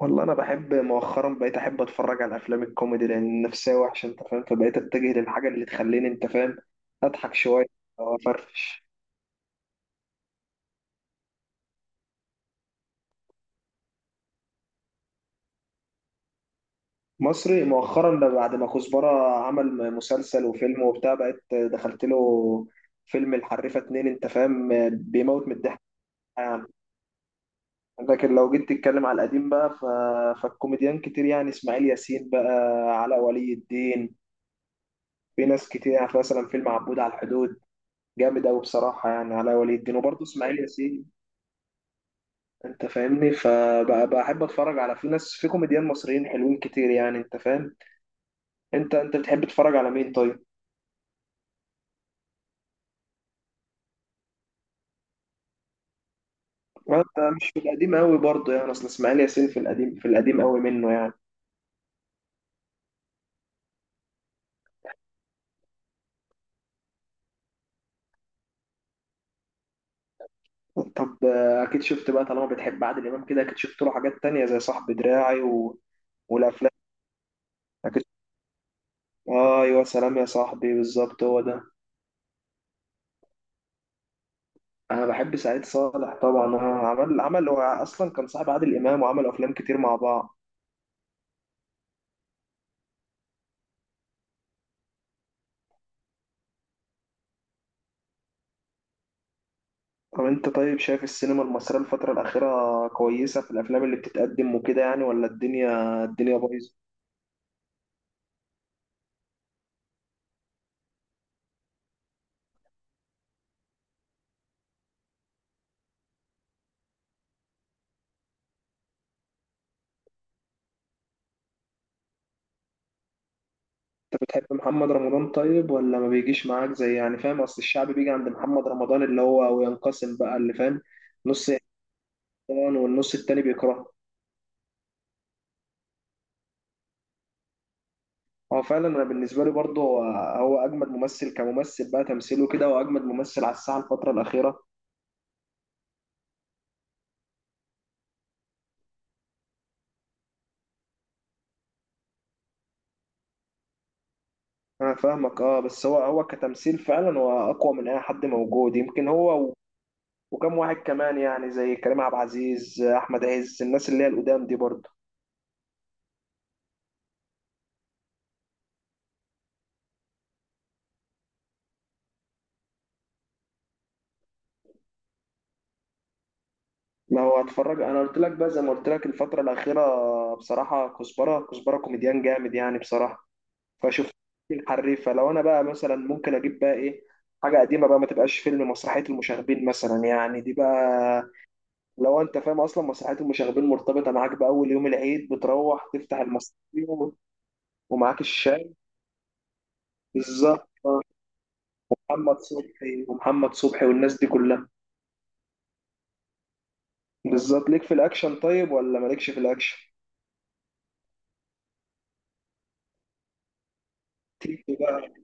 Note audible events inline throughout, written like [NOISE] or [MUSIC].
والله انا بحب مؤخرا، بقيت احب اتفرج على افلام الكوميدي لان النفسيه وحشه، انت فاهم، فبقيت اتجه للحاجه اللي تخليني، انت فاهم، اضحك شويه او افرفش. مصري مؤخرا ده بعد ما كزبره عمل مسلسل وفيلم وبتاع، بقيت دخلت له فيلم الحريفه اتنين، انت فاهم، بيموت من الضحك. يعني لكن لو جيت تتكلم على القديم بقى فالكوميديان كتير، يعني اسماعيل ياسين بقى، علاء ولي الدين. في ناس كتير يعني، مثلا فيلم عبود على الحدود جامد قوي بصراحه، يعني علاء ولي الدين وبرضه اسماعيل ياسين. انت فاهمني، فبحب اتفرج في ناس، في كوميديان مصريين حلوين كتير يعني، انت فاهم. انت بتحب تتفرج على مين طيب؟ انت مش في القديم قوي برضه، يعني اصل اسماعيل ياسين في القديم، في القديم قوي منه يعني. طب اكيد شفت بقى، طالما بتحب عادل امام كده اكيد شفت له حاجات تانية زي صاحب دراعي والافلام. اكيد. ايوه، سلام يا صاحبي، بالظبط هو ده. انا بحب سعيد صالح طبعا. عمل هو اصلا كان صاحب عادل امام وعملوا افلام كتير مع بعض. طب انت، طيب شايف السينما المصرية الفترة الأخيرة كويسة في الأفلام اللي بتتقدم وكده يعني؟ ولا الدنيا بايظة؟ انت بتحب محمد رمضان طيب، ولا ما بيجيش معاك زي يعني، فاهم؟ أصل الشعب بيجي عند محمد رمضان اللي هو وينقسم بقى، اللي فاهم، نص يحترم والنص التاني بيكرهه. هو فعلا أنا بالنسبة لي برضه، هو أجمد ممثل كممثل بقى، تمثيله كده، هو أجمد ممثل على الساحة الفترة الأخيرة. أنا فاهمك أه، بس هو كتمثيل فعلا هو أقوى من أي حد موجود، يمكن هو. وكم واحد كمان يعني، زي كريم عبد العزيز، احمد عز، الناس اللي هي القدام دي برضه. ما هو هتفرج، انا قلت لك بقى زي ما قلت لك الفتره الاخيره بصراحه، كزبره كوميديان جامد يعني بصراحه. فشفت الحريفه. لو انا بقى مثلا ممكن اجيب بقى ايه حاجه قديمه بقى، ما تبقاش فيلم، مسرحيه المشاغبين مثلا يعني دي بقى. لو انت فاهم اصلا مسرحيه المشاغبين مرتبطه معاك باول يوم العيد، بتروح تفتح المسرحيه ومعاك الشاي. بالظبط. محمد صبحي والناس دي كلها. بالظبط. ليك في الاكشن طيب، ولا مالكش في الاكشن؟ تيتو بقى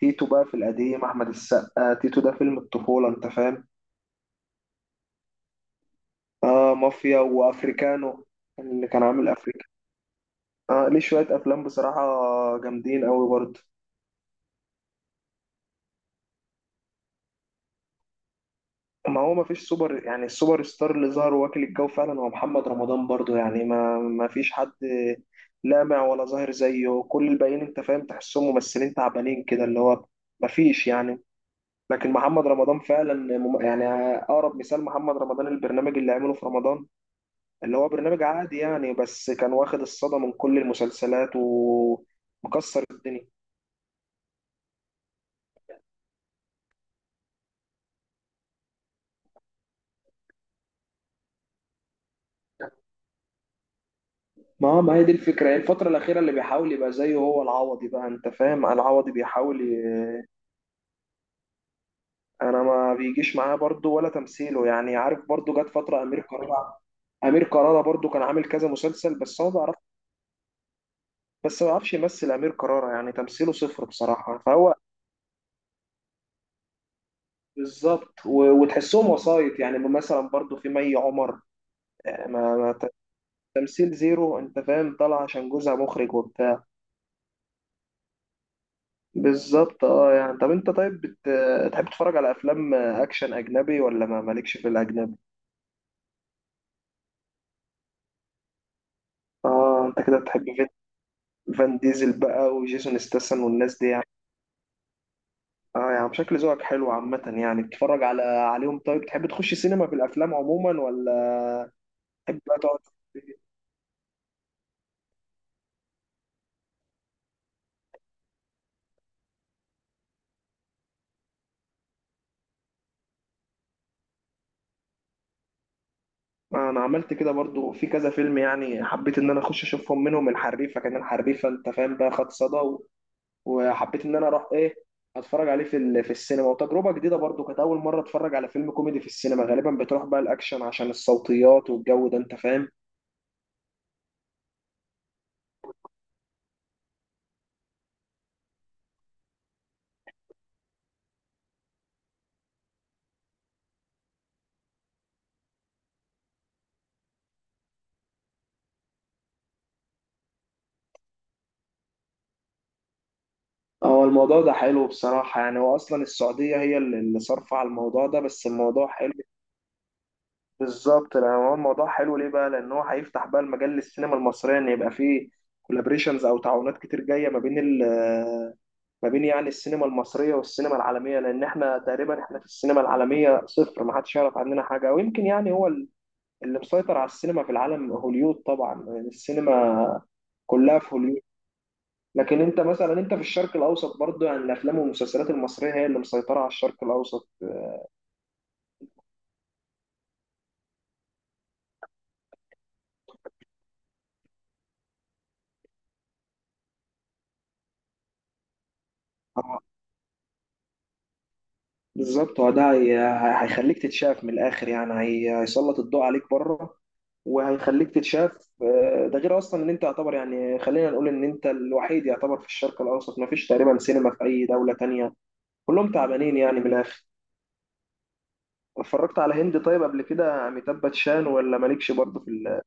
تيتو بقى في القديم، احمد السقا تيتو، ده فيلم الطفوله، انت فاهم. اه، مافيا وافريكانو، اللي كان عامل افريكا. اه، ليه شويه افلام بصراحه جامدين قوي برضه. ما هو ما فيش سوبر، يعني السوبر ستار اللي ظهر واكل الجو فعلا هو محمد رمضان برضه يعني. ما فيش حد لامع ولا ظاهر زيه، كل الباقيين انت فاهم تحسهم ممثلين تعبانين كده، اللي هو ما فيش يعني. لكن محمد رمضان فعلا يعني اقرب مثال محمد رمضان البرنامج اللي عمله في رمضان، اللي هو برنامج عادي يعني، بس كان واخد الصدى من كل المسلسلات ومكسر الدنيا. ما هي دي الفكرة، هي الفترة الأخيرة اللي بيحاول يبقى زيه هو العوضي بقى، أنت فاهم، العوضي بيحاول. أنا ما بيجيش معاه برضه، ولا تمثيله يعني، عارف، برضه جت فترة أمير كرارة. أمير كرارة برضه كان عامل كذا مسلسل، بس هو بيعرف، بس ما بيعرفش يمثل أمير كرارة، يعني تمثيله صفر بصراحة. فهو بالظبط. وتحسهم وسايط يعني، مثلا برضو في مي عمر. ما ما ت- تمثيل زيرو، انت فاهم، طالع عشان جوزها مخرج وبتاع. بالظبط اه يعني. طب انت، طيب تحب تتفرج على افلام اكشن اجنبي، ولا ما مالكش في الاجنبي؟ اه، انت كده بتحب. فان ديزل بقى، وجيسون ستاثام، والناس دي يعني. اه يعني شكل ذوقك حلو عامة يعني، بتتفرج عليهم. طيب تحب تخش سينما في الافلام عموما، ولا تحب بقى تقعد؟ انا عملت كده برضو في كذا فيلم، يعني حبيت ان انا اخش اشوفهم، منهم الحريفه. كان الحريفه انت فاهم بقى خد صدى، وحبيت ان انا اروح ايه، اتفرج عليه في السينما، وتجربه جديده برضو، كانت اول مره اتفرج على فيلم كوميدي في السينما. غالبا بتروح بقى الاكشن عشان الصوتيات والجو ده، انت فاهم. هو الموضوع ده حلو بصراحه يعني، هو اصلا السعوديه هي اللي صارفه على الموضوع ده، بس الموضوع حلو. بالظبط، لأن هو الموضوع حلو ليه بقى؟ لان هو هيفتح بقى المجال للسينما المصريه، ان يبقى فيه كولابريشنز او تعاونات كتير جايه ما بين يعني السينما المصريه والسينما العالميه، لان احنا تقريبا احنا في السينما العالميه صفر، ما حدش يعرف عننا حاجه. ويمكن يعني هو اللي مسيطر على السينما في العالم هوليود طبعا، يعني السينما كلها في هوليود. لكن انت مثلا، انت في الشرق الاوسط برضه، يعني الافلام والمسلسلات المصريه هي اللي مسيطره على الشرق الاوسط. بالظبط هو ده، هيخليك تتشاف من الاخر يعني، هيسلط الضوء عليك بره وهيخليك تتشاف. ده غير اصلا ان انت يعتبر يعني، خلينا نقول ان انت الوحيد يعتبر في الشرق الاوسط، ما فيش تقريبا سينما في اي دوله تانية، كلهم تعبانين يعني من الاخر. اتفرجت على هند طيب قبل كده؟ اميتاب باتشان، ولا مالكش برضه في ال...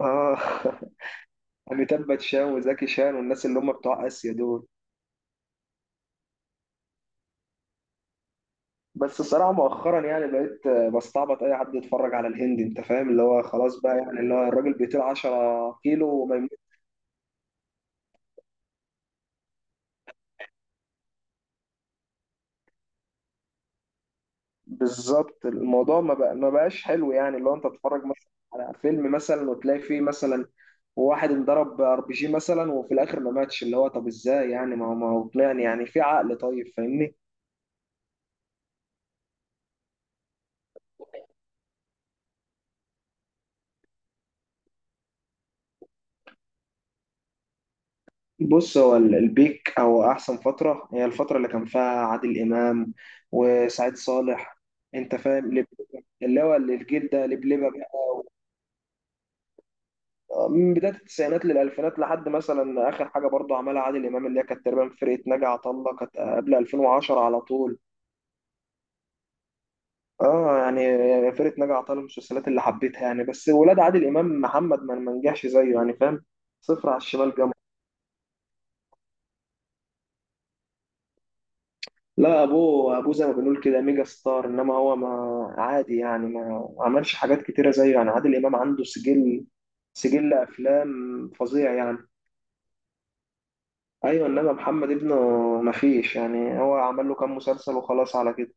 اه [LAUGHS] اميتاب باتشان وزكي شان والناس اللي هم بتوع اسيا دول. بس الصراحة مؤخرا يعني بقيت بستعبط أي حد يتفرج على الهندي، أنت فاهم، اللي هو خلاص بقى يعني اللي هو الراجل بيطير 10 كيلو وما يموت. بالظبط، الموضوع ما بقاش حلو يعني، اللي هو أنت تتفرج مثلا على فيلم مثلا، وتلاقي فيه مثلا واحد انضرب RPG مثلا، وفي الآخر ما ماتش، اللي هو طب إزاي يعني؟ ما هو يعني في عقل طيب؟ فاهمني. بص هو البيك او احسن فتره، هي الفتره اللي كان فيها عادل امام وسعيد صالح، انت فاهم، اللي هو الجيل ده لبلبه بقى، من بدايه التسعينات للالفينات، لحد مثلا اخر حاجه برضه عملها عادل امام اللي هي كانت تقريبا فرقه ناجي عطا الله، كانت قبل 2010 على طول. اه يعني فرقه ناجي عطا الله من المسلسلات اللي حبيتها يعني، بس ولاد عادل امام، محمد ما نجحش زيه يعني، فاهم، صفر على الشمال جنب. لا ابوه زي ما بنقول كده ميجا ستار، انما هو ما عادي يعني، ما عملش حاجات كتيره زيه يعني. عادل امام عنده سجل افلام فظيع يعني. ايوه انما محمد ابنه ما فيش يعني، هو عمل له كام مسلسل وخلاص على كده.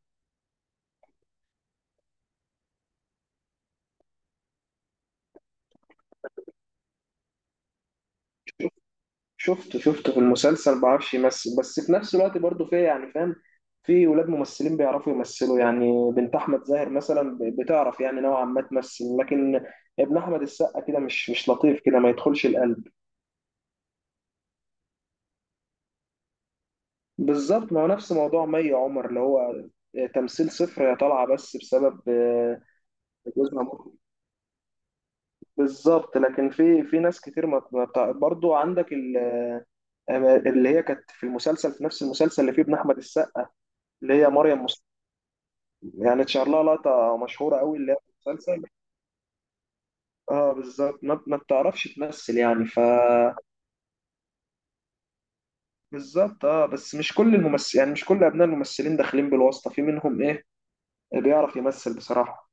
شفته في المسلسل ما بعرفش يمثل، بس في نفس الوقت برضه في يعني، فاهم، في ولاد ممثلين بيعرفوا يمثلوا يعني، بنت احمد زاهر مثلا بتعرف يعني نوعا ما تمثل، لكن ابن احمد السقا كده مش لطيف، كده ما يدخلش القلب. بالظبط، ما هو نفس موضوع مي عمر، اللي هو تمثيل صفر، هي طالعه بس بسبب جوزها. بالظبط، لكن في ناس كتير ما ما بتاع- برضو عندك اللي هي كانت في المسلسل، في نفس المسلسل اللي فيه ابن احمد السقا، اللي هي مريم مصطفى. يعني اتشهر لها لقطه مشهوره قوي اللي هي في المسلسل. اه بالظبط، ما بتعرفش تمثل يعني. بالظبط اه، بس مش كل الممثل يعني، مش كل ابناء الممثلين داخلين بالواسطه، في منهم ايه بيعرف يمثل بصراحه.